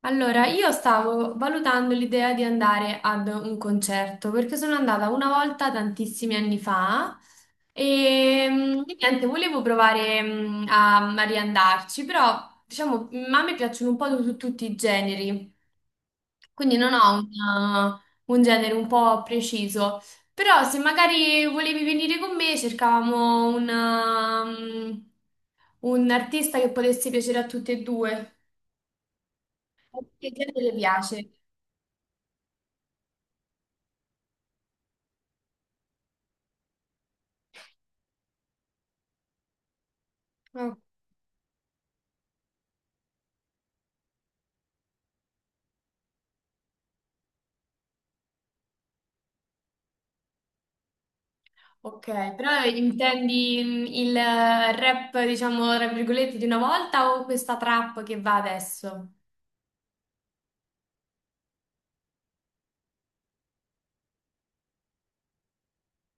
Allora, io stavo valutando l'idea di andare ad un concerto perché sono andata una volta tantissimi anni fa e niente, volevo provare a riandarci, però diciamo, a me piacciono un po' tutti i generi, quindi non ho un genere un po' preciso, però se magari volevi venire con me cercavamo un artista che potesse piacere a tutte e due. Che genere le piace? Ok, però intendi il rap, diciamo, tra virgolette, di una volta o questa trap che va adesso?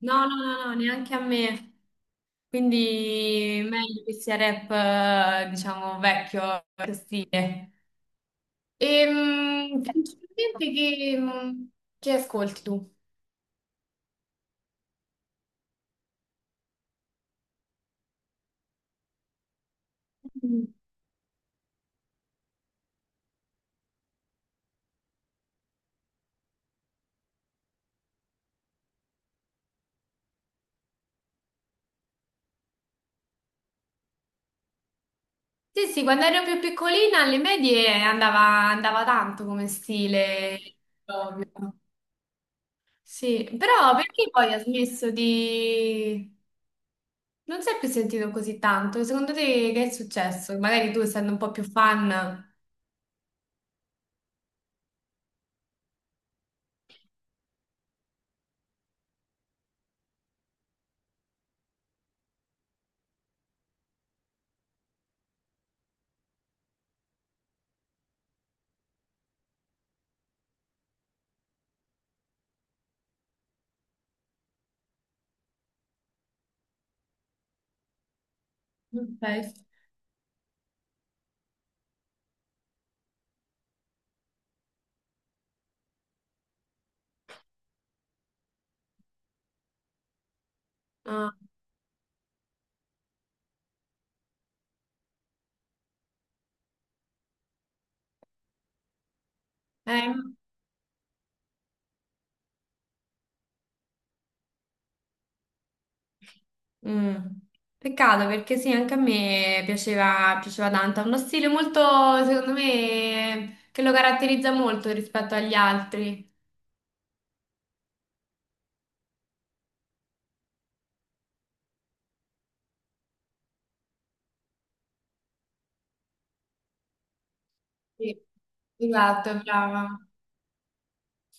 No, no, no, no, neanche a me. Quindi meglio che sia rap, diciamo, vecchio vecchio stile. E principalmente che, che ascolti tu? Mm. Sì, sì, quando ero più piccolina alle medie andava, andava tanto come stile, proprio. Sì, però perché poi ha smesso di... Non si è più sentito così tanto. Secondo te che è successo? Magari tu, essendo un po' più fan, non sai. Ah, eh, mm. Peccato perché sì, anche a me piaceva, piaceva tanto. Ha uno stile molto, secondo me, che lo caratterizza molto rispetto agli altri. Sì. Esatto, brava.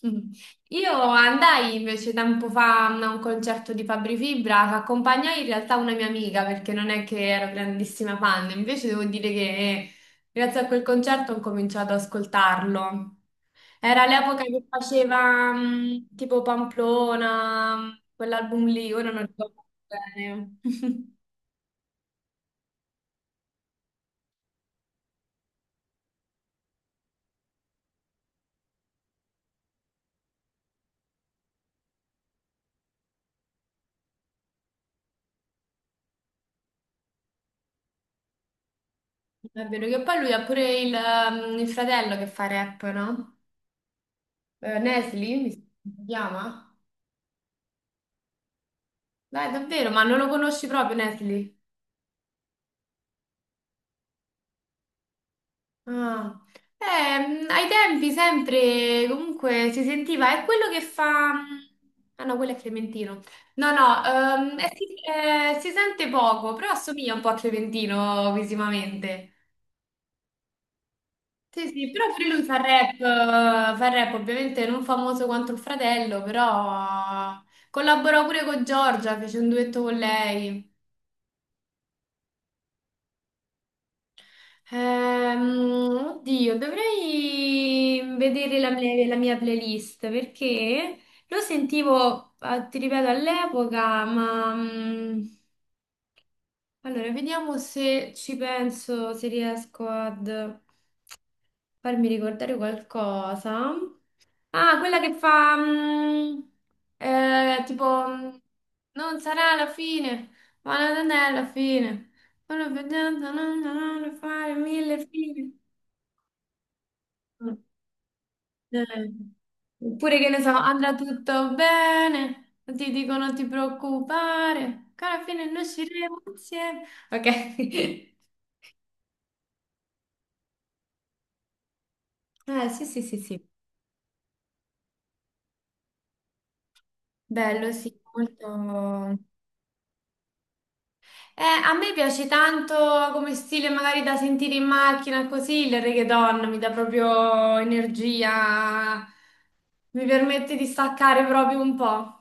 Mm. Io andai invece tempo fa a un concerto di Fabri Fibra che accompagnai in realtà una mia amica perché non è che ero grandissima fan, invece devo dire che grazie a quel concerto ho cominciato ad ascoltarlo. Era l'epoca che faceva tipo Pamplona, quell'album lì, ora non ricordo bene. È vero che poi lui ha pure il fratello che fa rap, no? Nesli, mi si chiama? Dai, davvero, ma non lo conosci proprio Nesli? Ah. Ai tempi sempre comunque si sentiva, è quello che fa... Ah no, quello è Clementino. No, no, si, si sente poco, però assomiglia un po' a Clementino visivamente. Sì, sì, però pure lui fa rap ovviamente non famoso quanto il fratello, però collaborò pure con Giorgia, fece un duetto con lei. Oddio, dovrei vedere mia la mia playlist perché lo sentivo, ti ripeto, all'epoca, ma allora vediamo se ci penso, se riesco ad farmi ricordare qualcosa. Ah, quella che fa tipo non sarà la fine, ma non è la fine. Sono vedendo, non fare mille fine. Eh, Oppure che ne so, andrà tutto bene, ti dico non ti preoccupare, che alla fine noi usciremo insieme. Ok. Sì, sì, sì, sì. Bello, sì, molto. A me piace tanto come stile magari da sentire in macchina così, il reggaeton mi dà proprio energia, mi permette di staccare proprio un po'.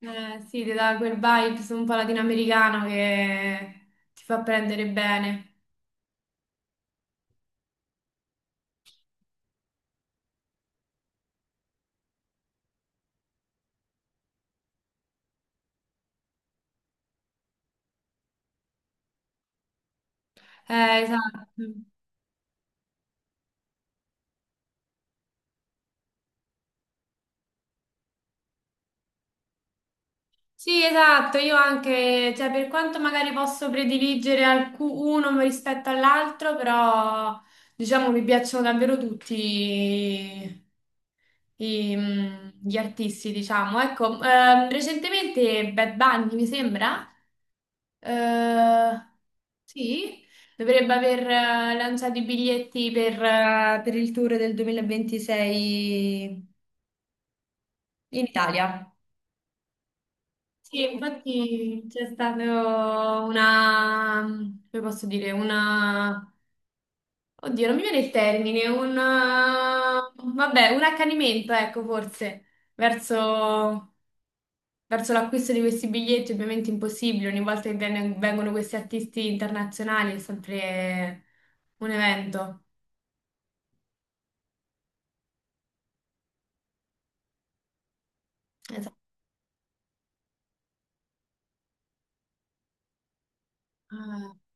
Sì, ti dà quel vibes un po' latinoamericano che ti fa prendere bene. Esatto. Sì, esatto, io anche, cioè per quanto magari posso prediligere uno rispetto all'altro, però diciamo mi piacciono davvero tutti i gli artisti, diciamo. Ecco, recentemente Bad Bunny, mi sembra, eh, sì, dovrebbe aver lanciato i biglietti per il tour del 2026 in Italia. Sì, infatti c'è stata una, come posso dire, una, oddio, non mi viene il termine, un, vabbè, un accanimento, ecco, forse, verso, verso l'acquisto di questi biglietti, ovviamente impossibile, ogni volta che vengono questi artisti internazionali è sempre un evento. Esatto.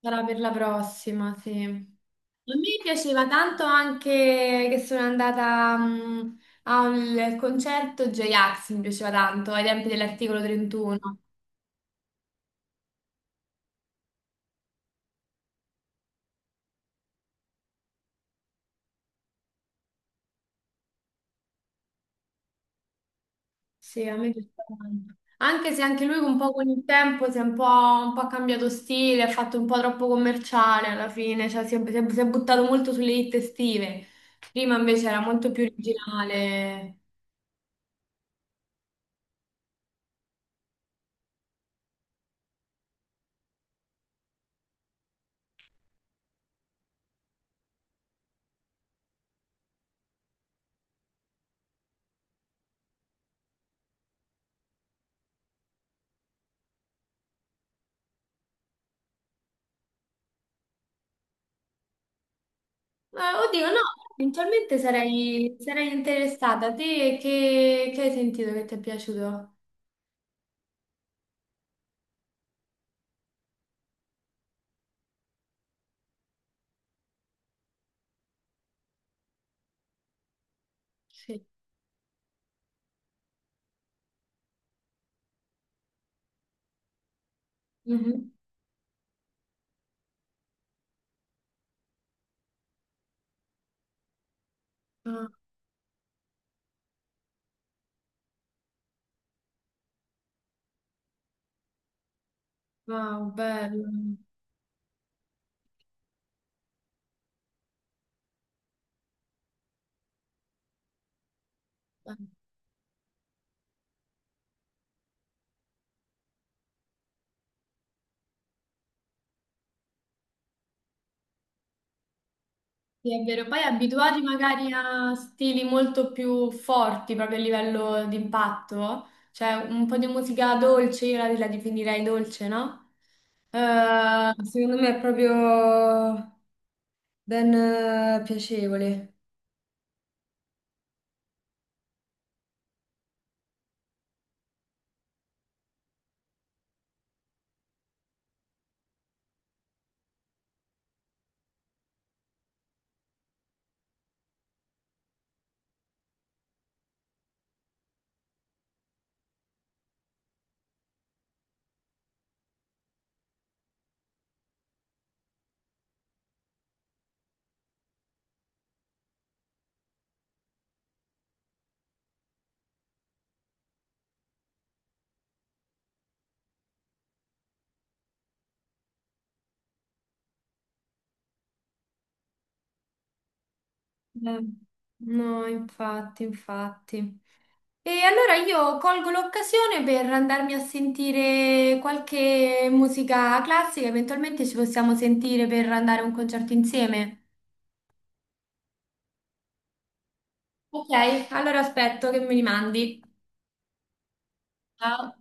Sarà per la prossima, sì. A me piaceva tanto anche che sono andata a al concerto J-Ax, mi piaceva tanto, ai tempi dell'articolo 31. Sì, a me piaceva tanto. Anche se anche lui un po' con il tempo si è un po' cambiato stile, ha fatto un po' troppo commerciale alla fine, cioè si è, si è buttato molto sulle hit estive. Prima invece era molto più originale. Eh, oddio, no, eventualmente sarei, sarei interessata. Te che hai sentito che ti è piaciuto? Sì. Mhm. Ah, wow, bello. Bello. Sì, è vero. Poi abituati magari a stili molto più forti proprio a livello di impatto, cioè un po' di musica dolce, io la definirei dolce, no? Secondo me è proprio ben piacevole. Eh, no, infatti, infatti. E allora io colgo l'occasione per andarmi a sentire qualche musica classica, eventualmente ci possiamo sentire per andare a un concerto insieme. Ok, allora aspetto che me li mandi. Ciao.